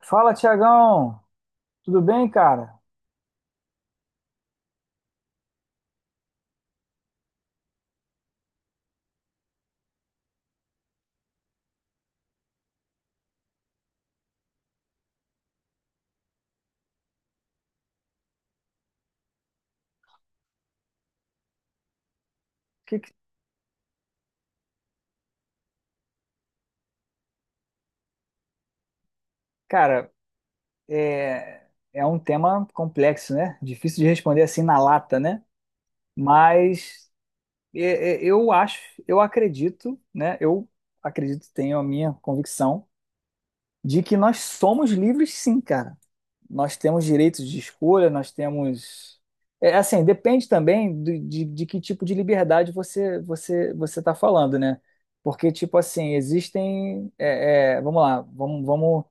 Fala, Tiagão! Tudo bem, cara? Que que- cara, é, um tema complexo, né? Difícil de responder assim na lata, né? Mas é, é, eu acho, eu acredito, né? Eu acredito, tenho a minha convicção de que nós somos livres, sim, cara. Nós temos direitos de escolha, nós temos. É, assim, depende também de que tipo de liberdade você está falando, né? Porque, tipo assim, existem. Vamos lá, vamos, vamos,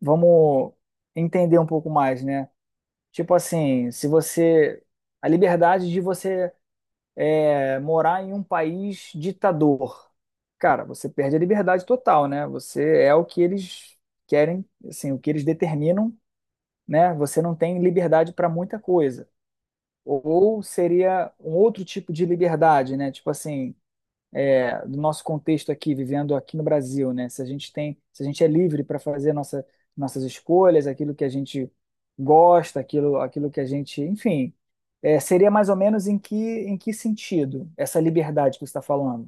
vamos entender um pouco mais, né? Tipo assim, se você. A liberdade de você morar em um país ditador. Cara, você perde a liberdade total, né? Você é o que eles querem, assim, o que eles determinam, né? Você não tem liberdade para muita coisa. Ou seria um outro tipo de liberdade, né? Tipo assim, do nosso contexto aqui, vivendo aqui no Brasil, né? Se a gente tem, se a gente é livre para fazer nossa, nossas escolhas, aquilo que a gente gosta, aquilo, aquilo que a gente, enfim, seria mais ou menos em que sentido essa liberdade que você está falando?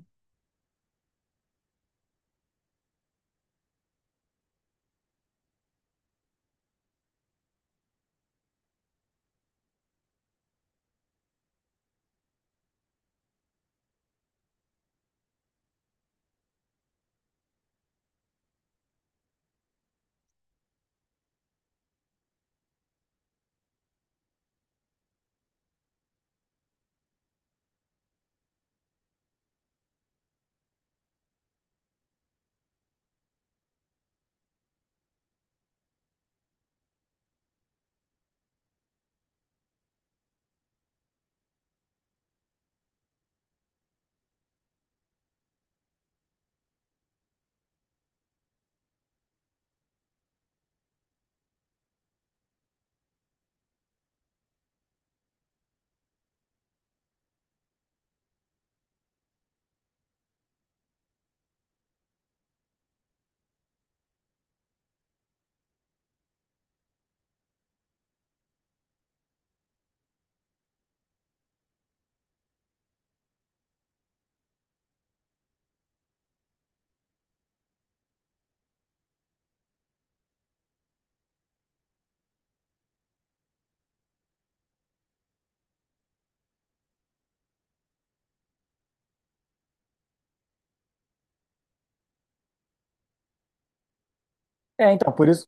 É, então,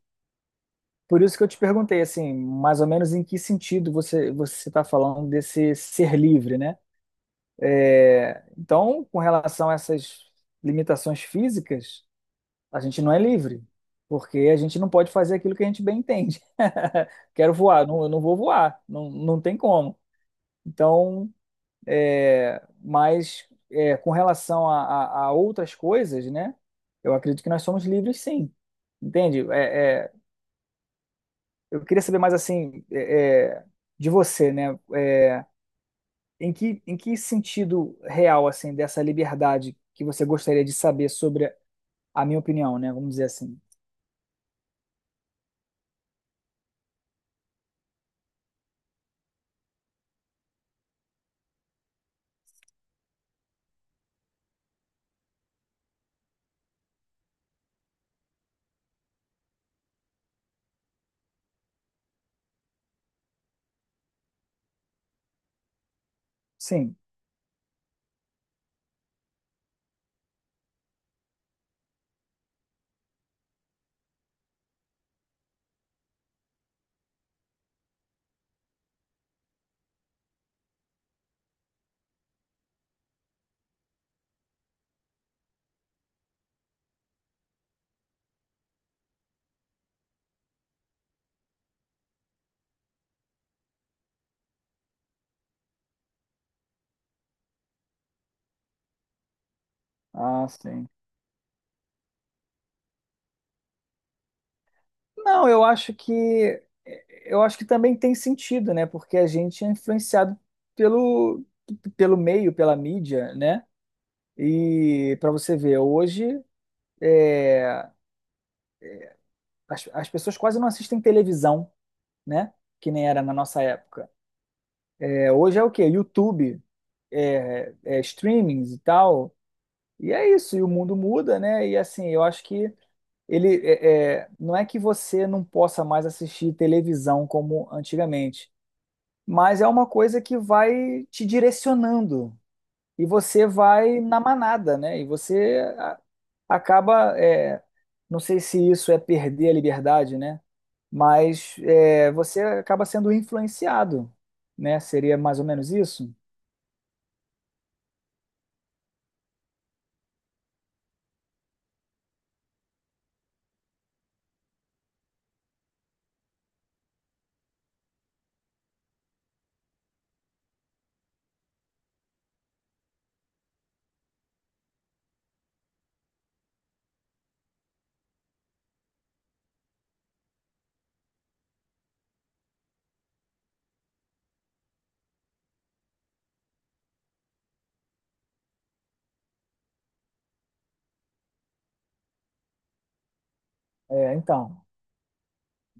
por isso que eu te perguntei, assim, mais ou menos em que sentido você está falando desse ser livre, né? Então, com relação a essas limitações físicas, a gente não é livre, porque a gente não pode fazer aquilo que a gente bem entende. Quero voar, não, eu não vou voar, não, não tem como. Então, com relação a, a outras coisas, né? Eu acredito que nós somos livres, sim. Entende? Eu queria saber mais assim de você, né? Em que sentido real assim dessa liberdade que você gostaria de saber sobre a minha opinião, né? Vamos dizer assim. Sim. Ah, sim. Não, eu acho que também tem sentido, né? Porque a gente é influenciado pelo pelo meio, pela mídia, né? E para você ver, hoje as, as pessoas quase não assistem televisão, né? Que nem era na nossa época. É, hoje é o quê? YouTube, streamings e tal. E é isso, e o mundo muda, né? E assim, eu acho que não é que você não possa mais assistir televisão como antigamente, mas é uma coisa que vai te direcionando e você vai na manada, né? E acaba, não sei se isso é perder a liberdade, né? Mas é, você acaba sendo influenciado, né? Seria mais ou menos isso? É, então,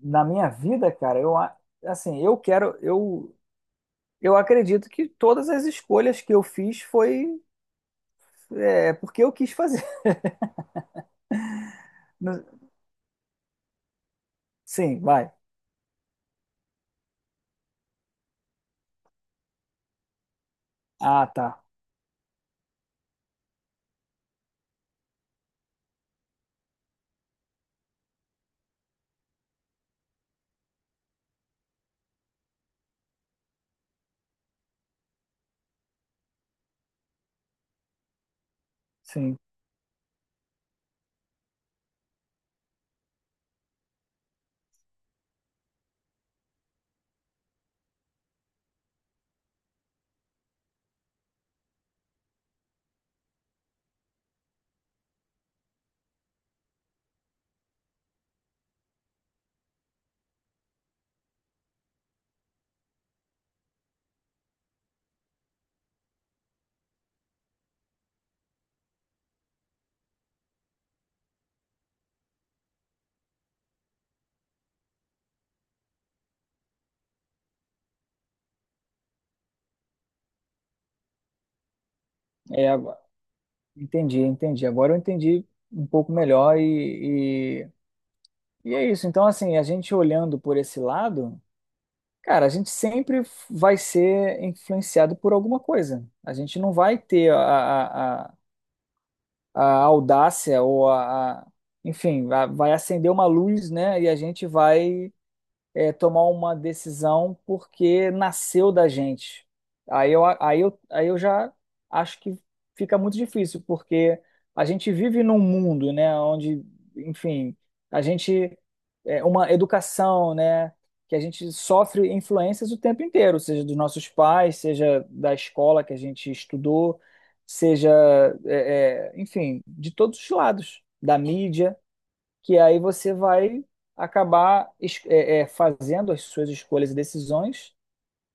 na minha vida, cara, assim, eu quero, eu acredito que todas as escolhas que eu fiz foi é porque eu quis fazer. Não- Sim, vai. Ah, tá. Sim. É, agora- entendi, entendi. Agora eu entendi um pouco melhor e é isso. Então, assim, a gente olhando por esse lado, cara, a gente sempre vai ser influenciado por alguma coisa. A gente não vai ter a audácia ou enfim, vai acender uma luz, né? E a gente vai, tomar uma decisão porque nasceu da gente. Aí eu já acho que fica muito difícil, porque a gente vive num mundo, né, onde, enfim, a gente é uma educação, né, que a gente sofre influências o tempo inteiro, seja dos nossos pais, seja da escola que a gente estudou, seja, enfim, de todos os lados, da mídia, que aí você vai acabar fazendo as suas escolhas e decisões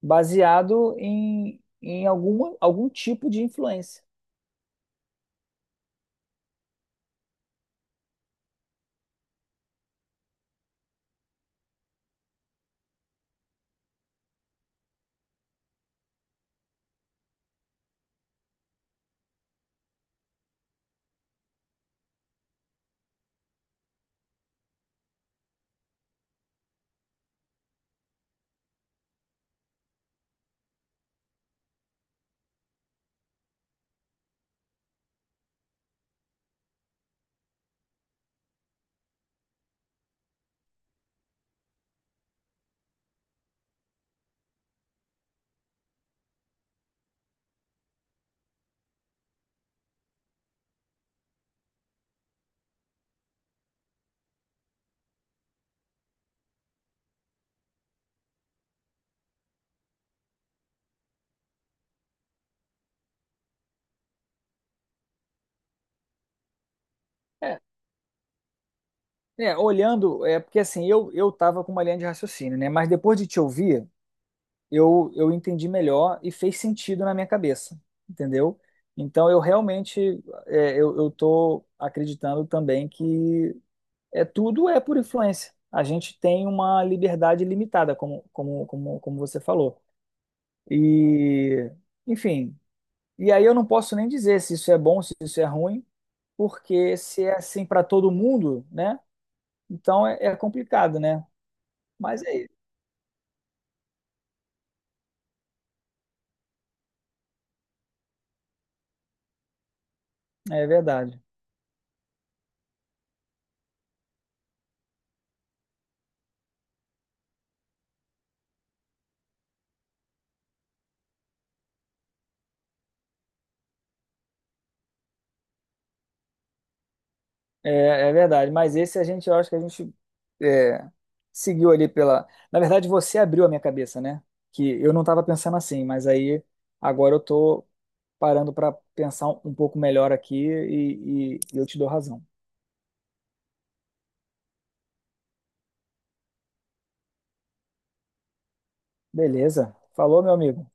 baseado em, em alguma, algum tipo de influência. É, é porque assim, eu estava com uma linha de raciocínio, né? Mas depois de te ouvir, eu entendi melhor e fez sentido na minha cabeça, entendeu? Então eu realmente, eu tô acreditando também que tudo é por influência. A gente tem uma liberdade limitada, como você falou. E, enfim, e aí eu não posso nem dizer se isso é bom, se isso é ruim, porque se é assim para todo mundo, né? Então é complicado, né? Mas é, é verdade. É, é verdade. Mas esse a gente, eu acho que é, seguiu ali pela. Na verdade, você abriu a minha cabeça, né? Que eu não estava pensando assim, mas aí agora eu tô parando para pensar um pouco melhor aqui e eu te dou razão. Beleza. Falou, meu amigo.